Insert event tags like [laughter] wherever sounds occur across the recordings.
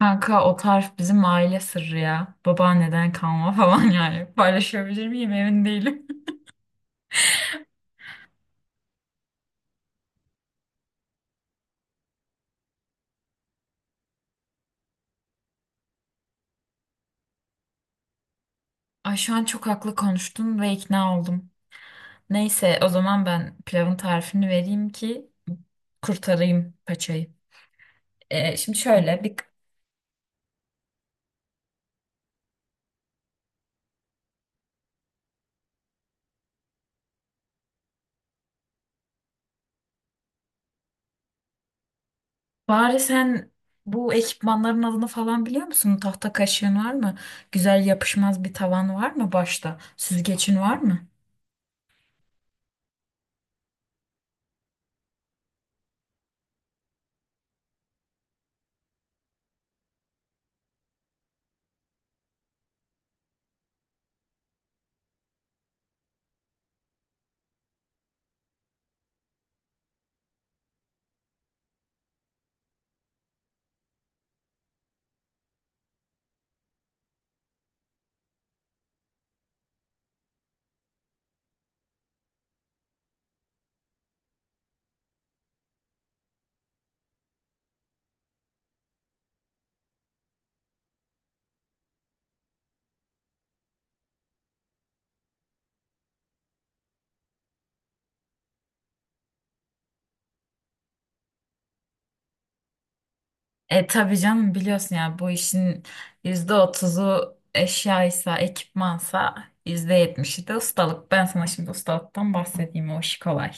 Kanka, o tarif bizim aile sırrı ya. Babaanneden kalma falan [laughs] yani. Paylaşabilir miyim emin değilim. [laughs] Ay, şu an çok haklı konuştun ve ikna oldum. Neyse, o zaman ben pilavın tarifini vereyim ki kurtarayım paçayı. Şimdi şöyle bir bari sen bu ekipmanların adını falan biliyor musun? Tahta kaşığın var mı? Güzel yapışmaz bir tavan var mı başta? Süzgecin var mı? E, tabii canım, biliyorsun ya, bu işin %30'u eşyaysa, ekipmansa %70'i de ustalık. Ben sana şimdi ustalıktan bahsedeyim, o işi kolay.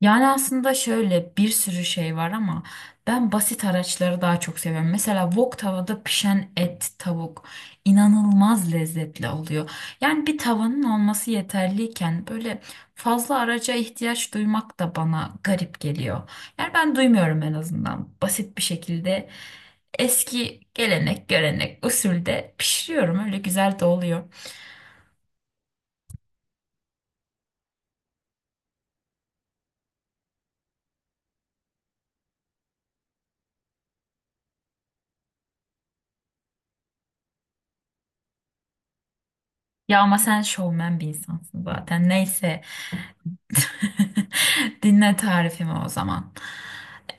Yani aslında şöyle bir sürü şey var ama ben basit araçları daha çok seviyorum. Mesela wok tavada pişen et, tavuk inanılmaz lezzetli oluyor. Yani bir tavanın olması yeterliyken böyle fazla araca ihtiyaç duymak da bana garip geliyor. Yani ben duymuyorum, en azından basit bir şekilde eski gelenek, görenek, usulde pişiriyorum. Öyle güzel de oluyor. Ya ama sen şovmen bir insansın zaten. Neyse. [laughs] Dinle tarifimi o zaman.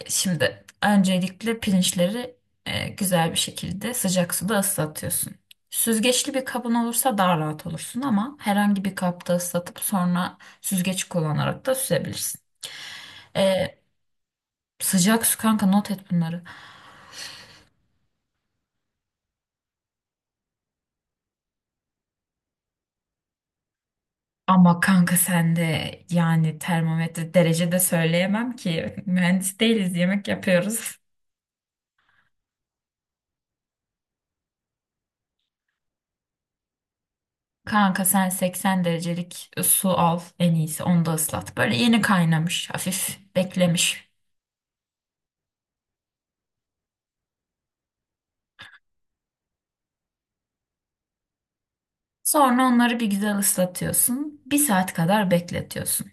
Şimdi öncelikle pirinçleri güzel bir şekilde sıcak suda ıslatıyorsun. Süzgeçli bir kabın olursa daha rahat olursun ama herhangi bir kapta ıslatıp sonra süzgeç kullanarak da süzebilirsin. E, Sıcak su, kanka, not et bunları. Ama kanka, sen de yani termometre derece de söyleyemem ki, mühendis değiliz, yemek yapıyoruz. [laughs] Kanka, sen 80 derecelik su al en iyisi, onu da ıslat. Böyle yeni kaynamış, hafif beklemiş. Sonra onları bir güzel ıslatıyorsun. Bir saat kadar bekletiyorsun.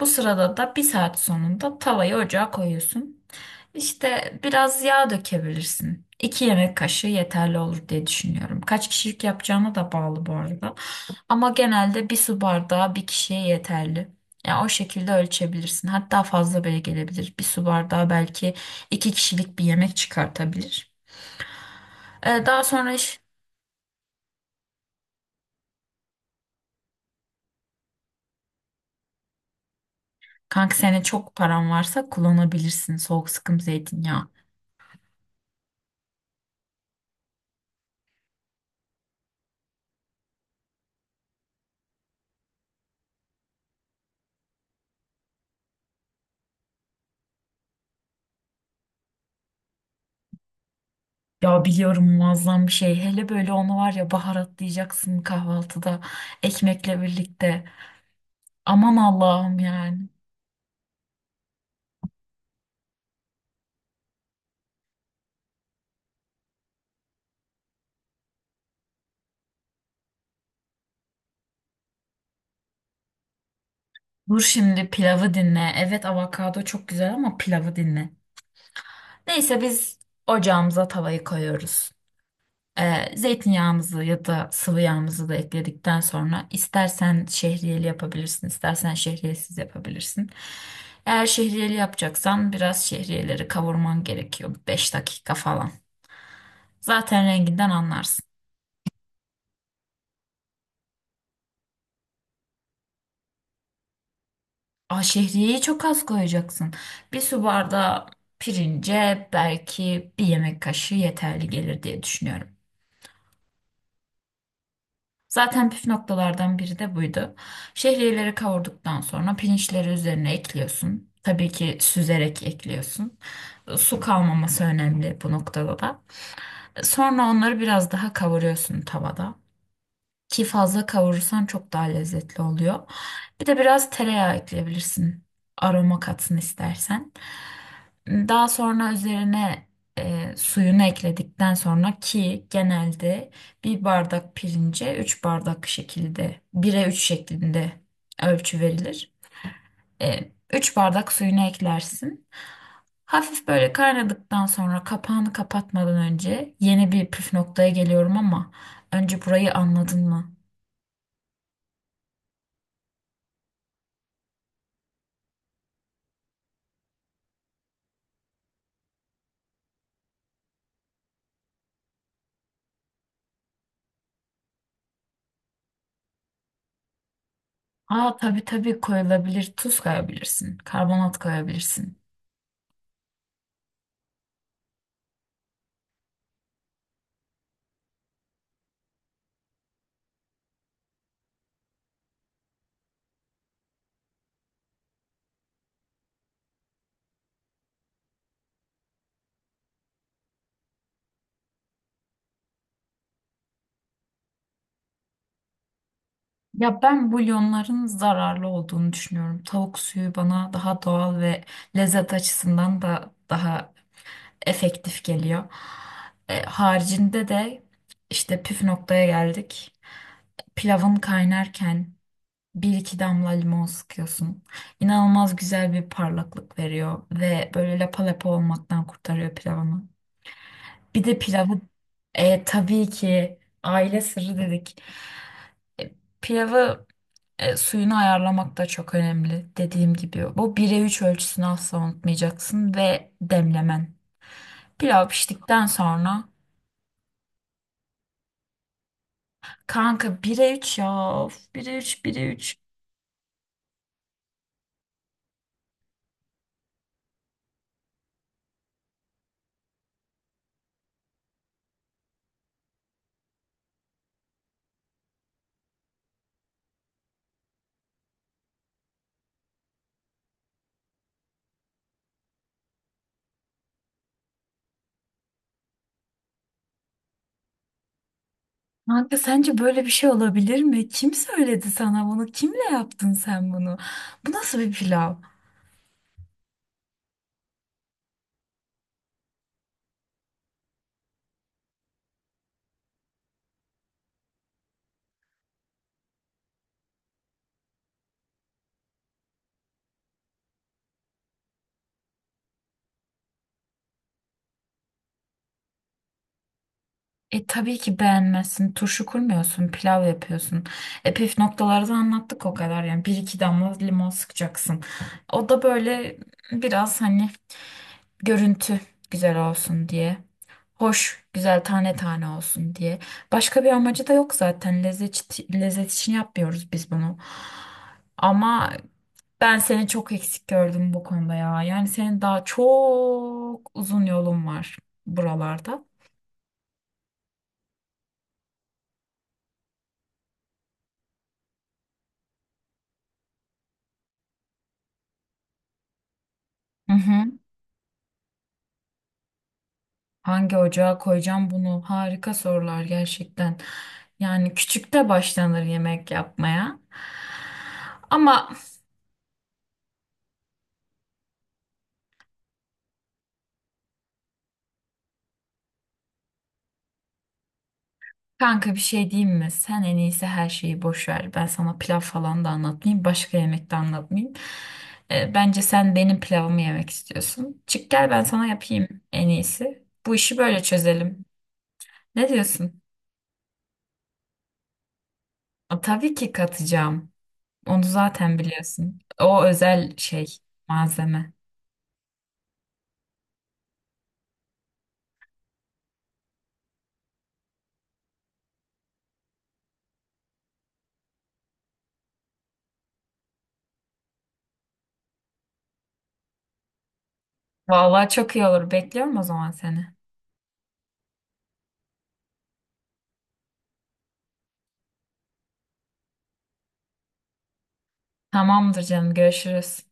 Bu sırada da, bir saat sonunda, tavayı ocağa koyuyorsun. İşte biraz yağ dökebilirsin. İki yemek kaşığı yeterli olur diye düşünüyorum. Kaç kişilik yapacağına da bağlı bu arada. Ama genelde bir su bardağı bir kişiye yeterli. Yani o şekilde ölçebilirsin. Hatta fazla bile gelebilir. Bir su bardağı belki iki kişilik bir yemek çıkartabilir. Ee, daha sonra iş, Kanka, senin çok paran varsa kullanabilirsin soğuk sıkım zeytinyağı. Ya biliyorum, muazzam bir şey. Hele böyle onu var ya, baharatlayacaksın kahvaltıda ekmekle birlikte. Aman Allah'ım yani. Dur şimdi pilavı dinle. Evet, avokado çok güzel ama pilavı dinle. Neyse, biz ocağımıza tavayı koyuyoruz. Zeytinyağımızı ya da sıvı yağımızı da ekledikten sonra, istersen şehriyeli yapabilirsin, istersen şehriyesiz yapabilirsin. Eğer şehriyeli yapacaksan biraz şehriyeleri kavurman gerekiyor, 5 dakika falan. Zaten renginden anlarsın. Aa, şehriyeyi çok az koyacaksın. Bir su bardağı pirince belki bir yemek kaşığı yeterli gelir diye düşünüyorum. Zaten püf noktalardan biri de buydu. Şehriyeleri kavurduktan sonra pirinçleri üzerine ekliyorsun. Tabii ki süzerek ekliyorsun. Su kalmaması önemli bu noktada da. Sonra onları biraz daha kavuruyorsun tavada. Ki fazla kavurursan çok daha lezzetli oluyor. Bir de biraz tereyağı ekleyebilirsin. Aroma katsın istersen. Daha sonra üzerine suyunu ekledikten sonra, ki genelde bir bardak pirince 3 bardak şekilde, 1'e 3 şeklinde ölçü verilir. 3 bardak suyunu eklersin. Hafif böyle kaynadıktan sonra, kapağını kapatmadan önce, yeni bir püf noktaya geliyorum ama önce burayı anladın mı? Aa, tabii tabii, koyulabilir. Tuz koyabilirsin, karbonat koyabilirsin. Ya, ben bulyonların zararlı olduğunu düşünüyorum. Tavuk suyu bana daha doğal ve lezzet açısından da daha efektif geliyor. E, haricinde de işte püf noktaya geldik. Pilavın kaynarken bir iki damla limon sıkıyorsun. İnanılmaz güzel bir parlaklık veriyor ve böyle lapa lapa olmaktan kurtarıyor pilavını. Bir de pilavı tabii ki, aile sırrı dedik. E, Pilavı Suyunu ayarlamak da çok önemli. Dediğim gibi bu 1'e 3 ölçüsünü asla unutmayacaksın, ve demlemen. Pilav piştikten sonra, kanka, 1'e 3 ya. Of, 1'e 3, 1'e üç. Kanka, sence böyle bir şey olabilir mi? Kim söyledi sana bunu? Kimle yaptın sen bunu? Bu nasıl bir pilav? E, tabii ki beğenmezsin. Turşu kurmuyorsun, pilav yapıyorsun. E, püf noktaları da anlattık o kadar yani. Bir iki damla limon sıkacaksın. O da böyle biraz hani görüntü güzel olsun diye. Hoş, güzel tane tane olsun diye. Başka bir amacı da yok zaten. Lezzet, lezzet için yapmıyoruz biz bunu. Ama ben seni çok eksik gördüm bu konuda ya. Yani senin daha çok uzun yolun var buralarda. Hı hı. Hangi ocağa koyacağım bunu? Harika sorular gerçekten. Yani küçükte başlanır yemek yapmaya. Ama kanka, bir şey diyeyim mi? Sen en iyisi her şeyi boş ver. Ben sana pilav falan da anlatmayayım, başka yemek de anlatmayayım. Bence sen benim pilavımı yemek istiyorsun. Çık gel, ben sana yapayım en iyisi. Bu işi böyle çözelim. Ne diyorsun? Aa, tabii ki katacağım. Onu zaten biliyorsun. O özel şey, malzeme. Vallahi çok iyi olur. Bekliyorum o zaman seni. Tamamdır canım, görüşürüz.